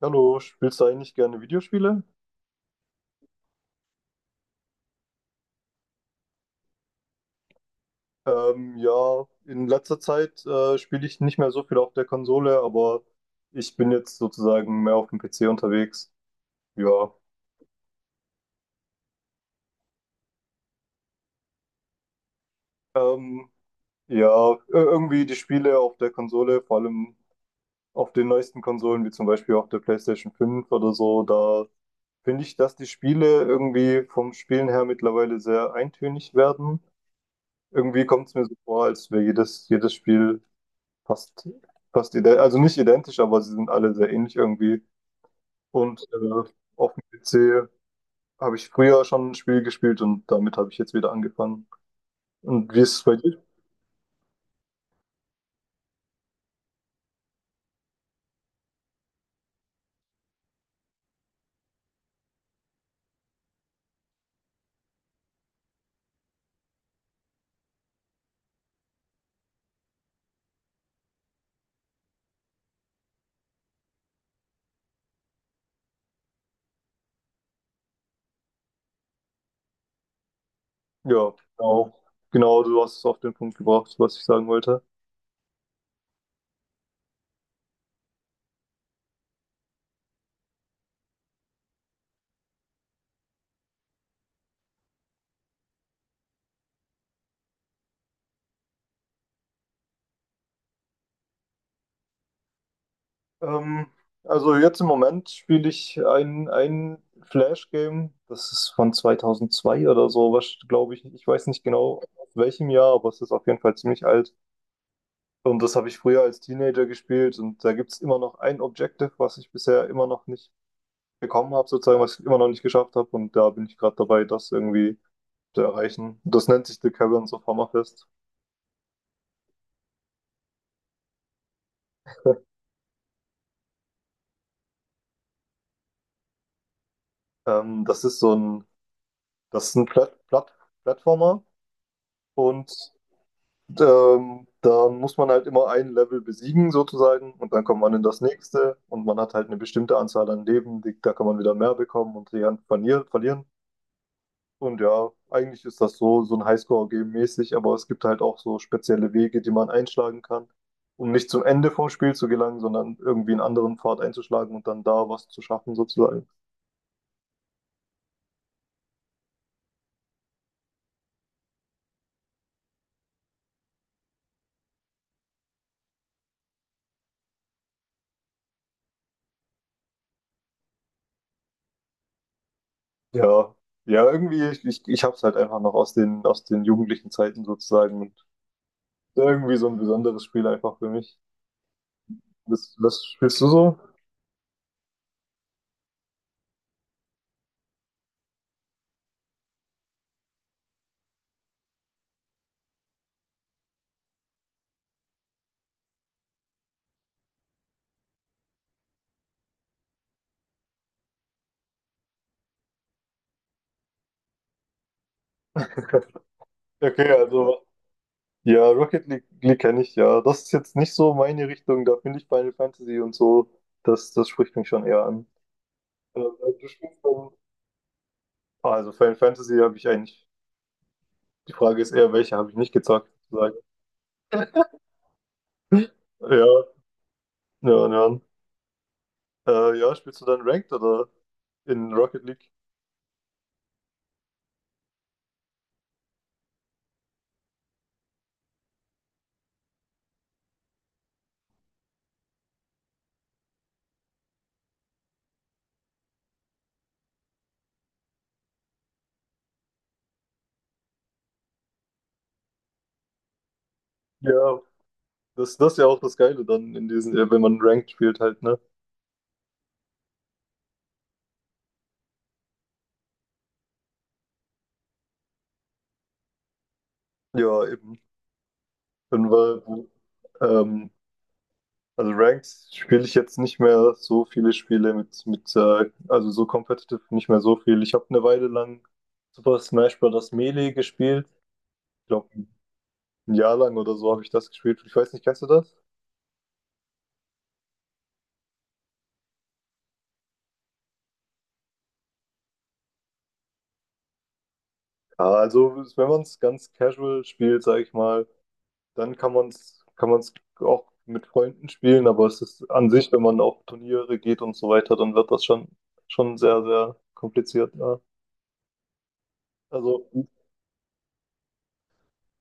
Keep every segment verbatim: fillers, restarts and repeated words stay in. Hallo, spielst du eigentlich gerne Videospiele? Ähm, ja, in letzter Zeit äh, spiele ich nicht mehr so viel auf der Konsole, aber ich bin jetzt sozusagen mehr auf dem P C unterwegs. Ja, ähm, ja, ir- irgendwie die Spiele auf der Konsole, vor allem auf den neuesten Konsolen, wie zum Beispiel auf der PlayStation fünf oder so, da finde ich, dass die Spiele irgendwie vom Spielen her mittlerweile sehr eintönig werden. Irgendwie kommt es mir so vor, als wäre jedes, jedes Spiel Fast, fast ident, also nicht identisch, aber sie sind alle sehr ähnlich irgendwie. Und äh, auf dem P C habe ich früher schon ein Spiel gespielt und damit habe ich jetzt wieder angefangen. Und wie ist es bei dir? Ja, genau. Genau, du hast es auf den Punkt gebracht, was ich sagen wollte. Ähm, also jetzt im Moment spiele ich ein, ein Flash-Game. Das ist von zweitausendzwei oder so, was, glaube ich. Ich weiß nicht genau aus welchem Jahr, aber es ist auf jeden Fall ziemlich alt. Und das habe ich früher als Teenager gespielt, und da gibt es immer noch ein Objective, was ich bisher immer noch nicht bekommen habe, sozusagen, was ich immer noch nicht geschafft habe, und da bin ich gerade dabei, das irgendwie zu erreichen. Das nennt sich The Caverns of Hammerfest. Ähm, das ist so ein, Das ist ein Plat Plat Plattformer, und ähm, da muss man halt immer ein Level besiegen, sozusagen, und dann kommt man in das nächste, und man hat halt eine bestimmte Anzahl an Leben, die, da kann man wieder mehr bekommen und die kann verlieren. verlieren. Und ja, eigentlich ist das so, so ein Highscore-Game mäßig, aber es gibt halt auch so spezielle Wege, die man einschlagen kann, um nicht zum Ende vom Spiel zu gelangen, sondern irgendwie einen anderen Pfad einzuschlagen und dann da was zu schaffen, sozusagen. Ja, ja, irgendwie, ich, ich, ich hab's halt einfach noch aus den, aus den jugendlichen Zeiten, sozusagen, und irgendwie so ein besonderes Spiel einfach für mich. Was, was spielst du so? Okay, also ja, Rocket League, League kenne ich ja. Das ist jetzt nicht so meine Richtung, da finde ich Final Fantasy und so, das, das spricht mich schon eher an. Äh, du spielst dann- Ah, also Final Fantasy habe ich eigentlich. Die Frage ist eher, welche habe ich nicht gezockt, sozusagen. Ja, ja, ja. Äh, ja, spielst du dann Ranked oder in Rocket League? Ja, das, das ist ja auch das Geile dann in diesen, äh, wenn man Ranked spielt halt, ne? Ja, eben. Und weil, ähm, also Ranked spiele ich jetzt nicht mehr so viele Spiele mit, mit äh, also so competitive nicht mehr so viel. Ich habe eine Weile lang Super Smash Bros. Melee gespielt. Ich glaube, ein Jahr lang oder so habe ich das gespielt. Ich weiß nicht, kennst du das? Ja, also wenn man es ganz casual spielt, sage ich mal, dann kann man es kann man es auch mit Freunden spielen, aber es ist an sich, wenn man auf Turniere geht und so weiter, dann wird das schon schon sehr, sehr kompliziert. Ja. Also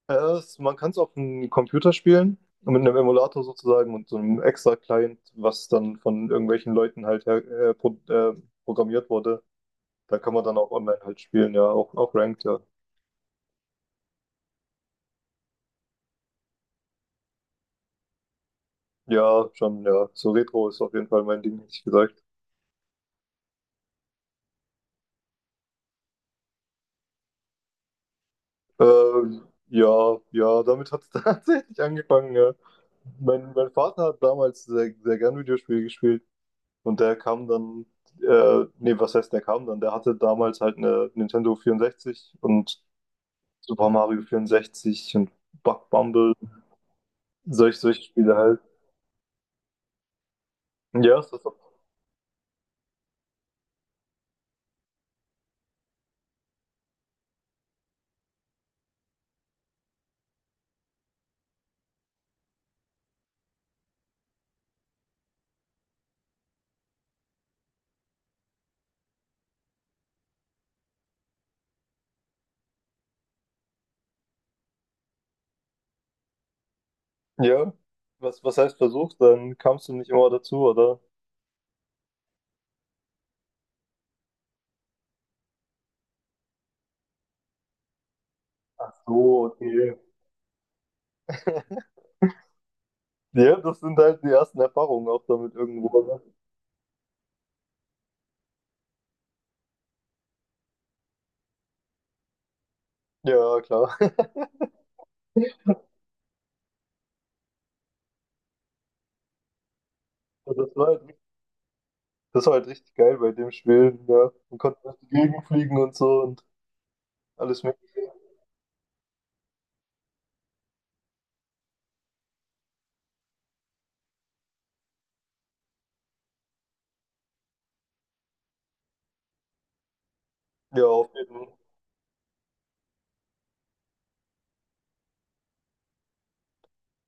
äh, es, man kann es auf dem Computer spielen, mit einem Emulator sozusagen und so einem extra Client, was dann von irgendwelchen Leuten halt her, äh, pro, äh, programmiert wurde. Da kann man dann auch online halt spielen, ja, auch, auch ranked, ja. Ja, schon, ja. So Retro ist auf jeden Fall mein Ding, hätte ich gesagt. Ähm, ja, ja, damit hat es tatsächlich angefangen, ja. Mein, mein Vater hat damals sehr, sehr gern Videospiele gespielt, und der kam dann, äh, nee, was heißt, der kam dann? Der hatte damals halt eine Nintendo vierundsechzig und Super Mario vierundsechzig und Bug Bumble, solche, solche Spiele halt. Ja, ist das, doch. Ja. Was, was heißt versucht? Dann kamst du nicht immer dazu, oder? Ach so, okay. Ja, das sind halt die ersten Erfahrungen auch damit irgendwo. Oder? Ja, klar. Das war halt, das war halt richtig geil bei dem Spiel. Ja, man konnte durch die Gegend fliegen und so und alles Mögliche. Ja, auf jeden Fall.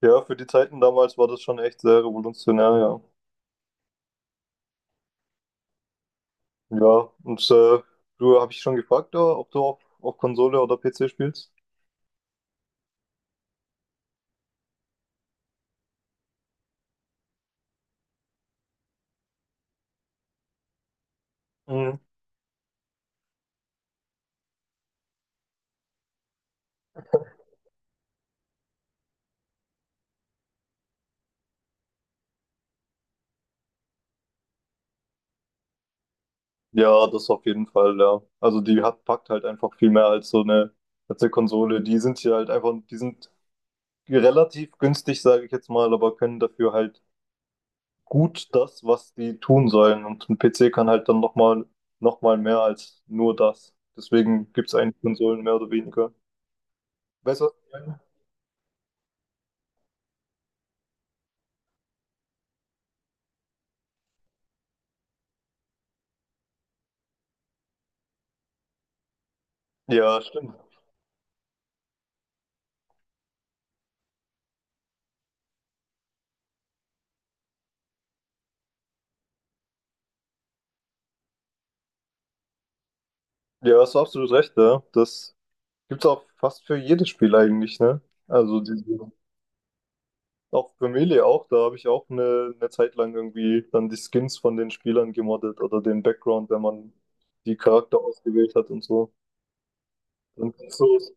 Ja, für die Zeiten damals war das schon echt sehr revolutionär, ja. Ja, und äh, du habe ich schon gefragt, ja, ob du auf, auf Konsole oder P C spielst? Mhm. Ja, das auf jeden Fall, ja. Also die hat, packt halt einfach viel mehr als so eine, als eine Konsole. Die sind hier halt einfach, die sind relativ günstig, sage ich jetzt mal, aber können dafür halt gut das, was die tun sollen. Und ein P C kann halt dann nochmal noch mal mehr als nur das. Deswegen gibt es eigentlich Konsolen mehr oder weniger. Weißt du, was ich meine? Ja, stimmt. Ja, hast du absolut recht, ja. Das gibt's auch fast für jedes Spiel eigentlich, ne? Also diese, auch für Melee auch, da habe ich auch eine, eine Zeit lang irgendwie dann die Skins von den Spielern gemoddet oder den Background, wenn man die Charakter ausgewählt hat und so. Und so ist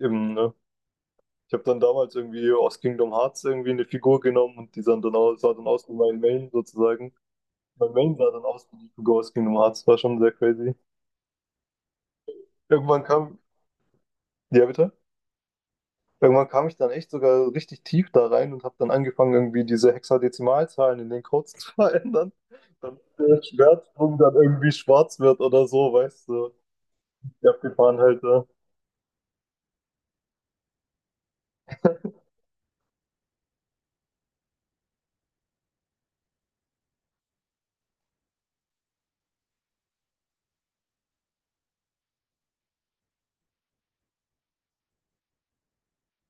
eben, ne? Ich habe dann damals irgendwie aus Kingdom Hearts irgendwie eine Figur genommen und die sah dann aus, sah dann aus wie mein Main, sozusagen. Mein Main sah dann aus wie die Figur aus Kingdom Hearts, war schon sehr crazy. Irgendwann kam, ja bitte? Irgendwann kam ich dann echt sogar richtig tief da rein und habe dann angefangen, irgendwie diese Hexadezimalzahlen in den Codes zu verändern. Damit der Schwertsprung dann irgendwie schwarz wird oder so, weißt du. Ja, abgefahren halt. Ja,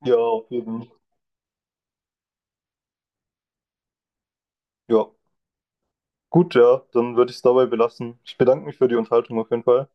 ja, auf jeden Fall. Ja, gut, ja, dann würde ich es dabei belassen. Ich bedanke mich für die Unterhaltung auf jeden Fall.